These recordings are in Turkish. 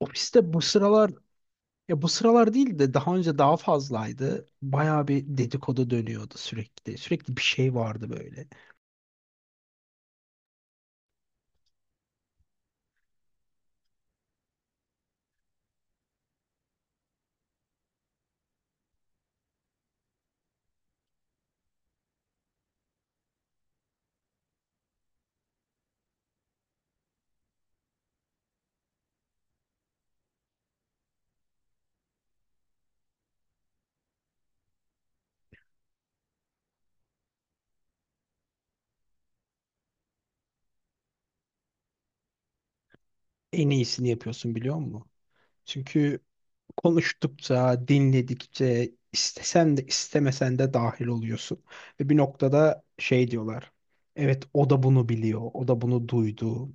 Ofiste bu sıralar ya bu sıralar değil de daha önce daha fazlaydı. Bayağı bir dedikodu dönüyordu sürekli. Sürekli bir şey vardı böyle. En iyisini yapıyorsun, biliyor musun? Çünkü konuştukça, dinledikçe istesen de istemesen de dahil oluyorsun. Ve bir noktada şey diyorlar. Evet, o da bunu biliyor. O da bunu duydu.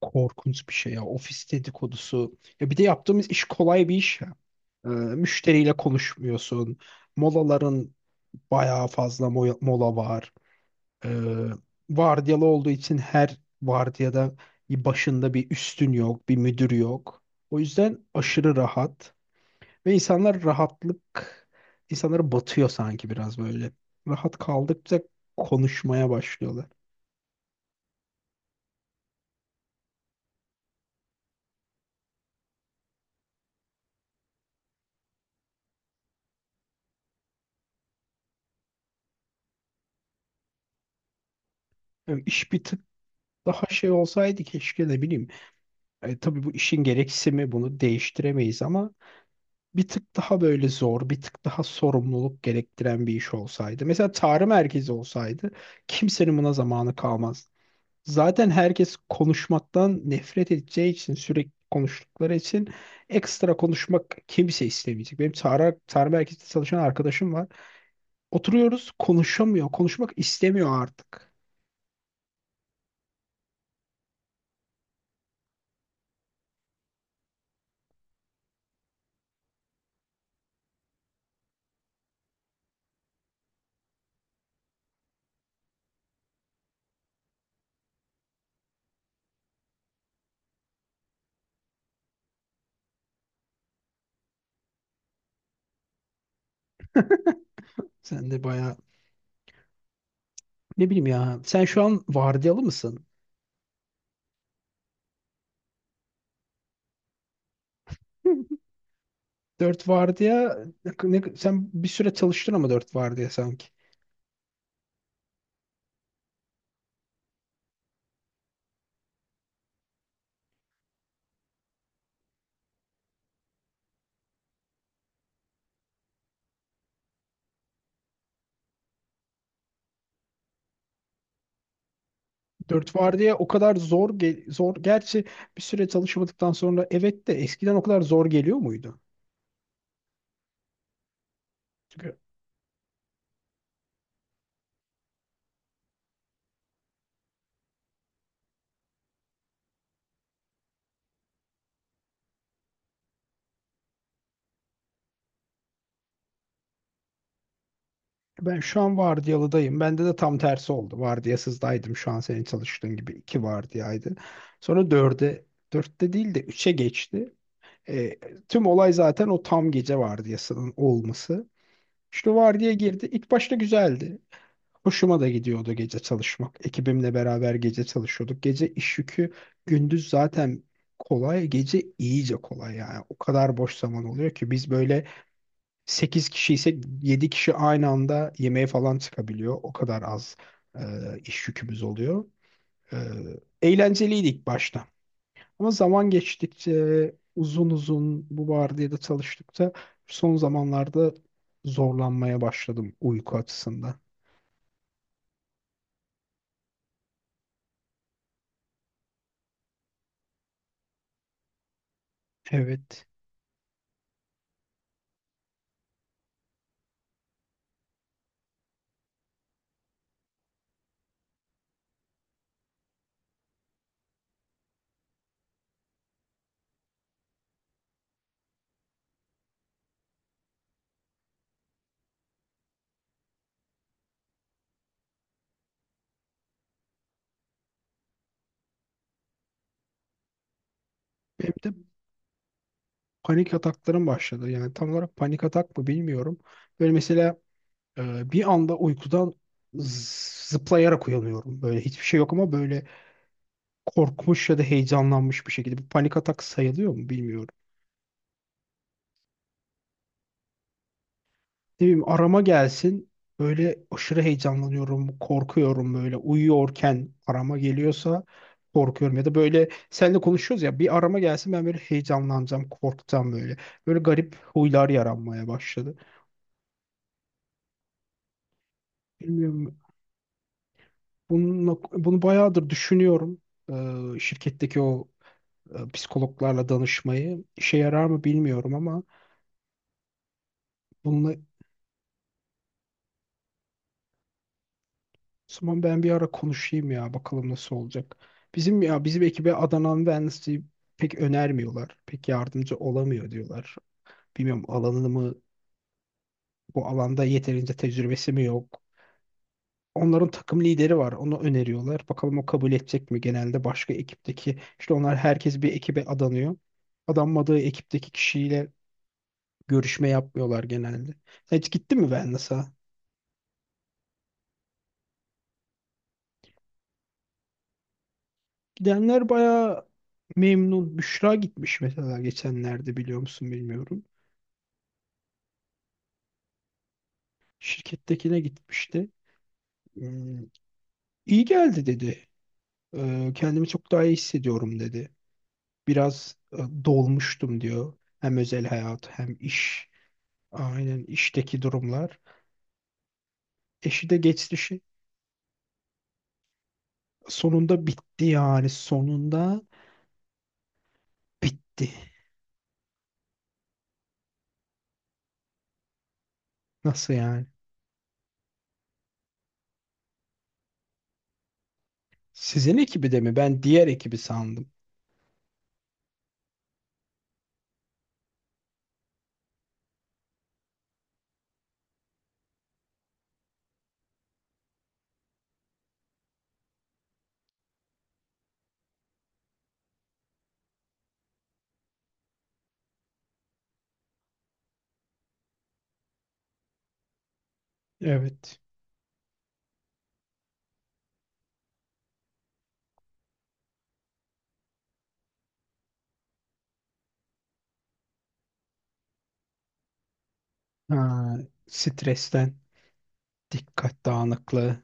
Korkunç bir şey ya. Ofis dedikodusu. Ya bir de yaptığımız iş kolay bir iş ya. Müşteriyle konuşmuyorsun. Molaların bayağı fazla mola var. Ee, Vardiyalı olduğu için her vardiyada bir başında bir üstün yok, bir müdür yok. O yüzden aşırı rahat ve insanlar rahatlık insanlara batıyor sanki biraz böyle. Rahat kaldıkça konuşmaya başlıyorlar. Yani iş bir tık daha şey olsaydı keşke, ne bileyim. Tabii bu işin gereksimi, bunu değiştiremeyiz ama bir tık daha böyle zor, bir tık daha sorumluluk gerektiren bir iş olsaydı. Mesela tarih merkezi olsaydı, kimsenin buna zamanı kalmaz. Zaten herkes konuşmaktan nefret edeceği için, sürekli konuştukları için ekstra konuşmak kimse istemeyecek. Benim tarih, tarih merkezinde çalışan arkadaşım var. Oturuyoruz, konuşamıyor, konuşmak istemiyor artık. Sen de bayağı, ne bileyim ya. Sen şu an vardiyalı mısın? Dört vardiya sen bir süre çalıştın ama dört vardiya sanki. Dört vardiya o kadar zor zor, gerçi bir süre çalışmadıktan sonra evet, de eskiden o kadar zor geliyor muydu? Çünkü ben şu an vardiyalıdayım. Bende de tam tersi oldu. Vardiyasızdaydım, şu an senin çalıştığın gibi iki vardiyaydı. Sonra dörde, dörtte değil de üçe geçti. E, Tüm olay zaten o tam gece vardiyasının olması. İşte vardiya girdi. İlk başta güzeldi. Hoşuma da gidiyordu gece çalışmak. Ekibimle beraber gece çalışıyorduk. Gece iş yükü, gündüz zaten kolay, gece iyice kolay yani. O kadar boş zaman oluyor ki biz böyle 8 kişi ise 7 kişi aynı anda yemeğe falan çıkabiliyor. O kadar az e, iş yükümüz oluyor. E, Eğlenceliydi ilk başta. Ama zaman geçtikçe, uzun uzun bu vardiyada çalıştıkça, son zamanlarda zorlanmaya başladım uyku açısından. Evet. Benim de panik ataklarım başladı. Yani tam olarak panik atak mı, bilmiyorum. Böyle mesela bir anda uykudan zıplayarak uyanıyorum. Böyle hiçbir şey yok ama böyle korkmuş ya da heyecanlanmış bir şekilde. Bu panik atak sayılıyor mu, bilmiyorum. Ne bileyim, arama gelsin. Böyle aşırı heyecanlanıyorum, korkuyorum, böyle uyuyorken arama geliyorsa korkuyorum ya da böyle seninle konuşuyoruz ya, bir arama gelsin, ben böyle heyecanlanacağım, korkacağım böyle. Böyle garip huylar yaranmaya başladı. Bilmiyorum, bununla, bunu bayağıdır düşünüyorum. Şirketteki o psikologlarla danışmayı. İşe yarar mı bilmiyorum ama bununla o zaman ben bir ara konuşayım ya, bakalım nasıl olacak. Bizim, ya bizim ekibe Adana Wednesday pek önermiyorlar. Pek yardımcı olamıyor diyorlar. Bilmiyorum, alanını mı, bu alanda yeterince tecrübesi mi yok. Onların takım lideri var. Onu öneriyorlar. Bakalım o kabul edecek mi? Genelde başka ekipteki, işte onlar herkes bir ekibe adanıyor, adanmadığı ekipteki kişiyle görüşme yapmıyorlar genelde. Sen hiç gittin mi Wellness'a? Gidenler bayağı memnun. Büşra gitmiş mesela geçenlerde, biliyor musun bilmiyorum. Şirkettekine gitmişti. Hmm, İyi geldi dedi. Kendimi çok daha iyi hissediyorum dedi. Biraz dolmuştum diyor. Hem özel hayat hem iş. Aynen, işteki durumlar. Eşi de geçti işi. Sonunda bitti yani. Sonunda bitti. Nasıl yani? Sizin ekibi de mi? Ben diğer ekibi sandım. Evet. Ha, stresten, dikkat dağınıklığı.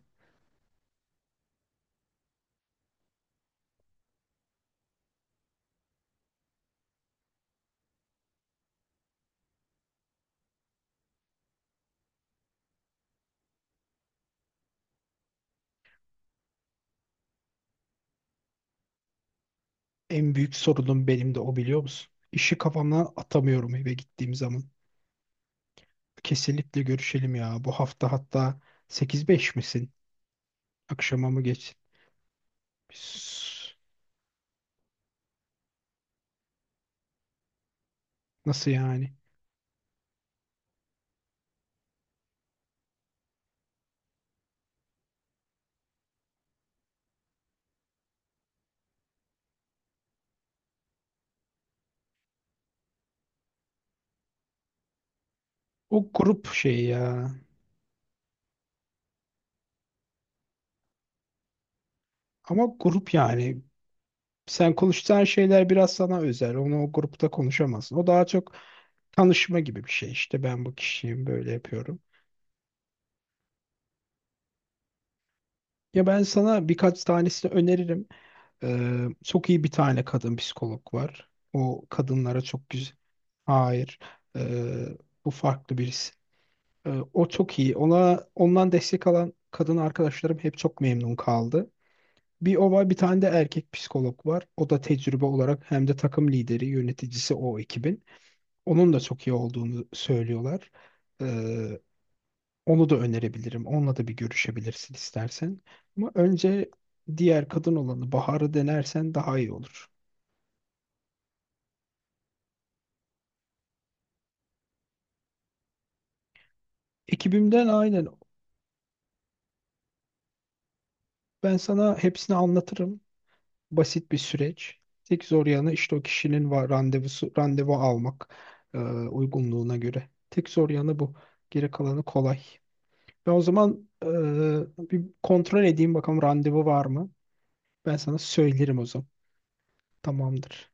En büyük sorunum benim de o, biliyor musun? İşi kafamdan atamıyorum eve gittiğim zaman. Kesinlikle görüşelim ya. Bu hafta hatta, 8-5 misin? Akşama mı geç? Biz- nasıl yani? O grup şeyi ya. Ama grup yani. Sen konuşacağın şeyler biraz sana özel. Onu o grupta konuşamazsın. O daha çok tanışma gibi bir şey. İşte ben bu kişiyim, böyle yapıyorum. Ya ben sana birkaç tanesini öneririm. Çok iyi bir tane kadın psikolog var. O kadınlara çok güzel. Hayır. Ee, Bu farklı birisi. O çok iyi. Ona, ondan destek alan kadın arkadaşlarım hep çok memnun kaldı. Bir o var, bir tane de erkek psikolog var. O da tecrübe olarak hem de takım lideri, yöneticisi o ekibin. Onun da çok iyi olduğunu söylüyorlar. Ee, Onu da önerebilirim. Onunla da bir görüşebilirsin istersen. Ama önce diğer kadın olanı Bahar'ı denersen daha iyi olur. Ekibimden, aynen. Ben sana hepsini anlatırım. Basit bir süreç. Tek zor yanı işte o kişinin var randevusu, randevu almak uygunluğuna göre. Tek zor yanı bu. Geri kalanı kolay. Ben o zaman bir kontrol edeyim bakalım randevu var mı? Ben sana söylerim o zaman. Tamamdır.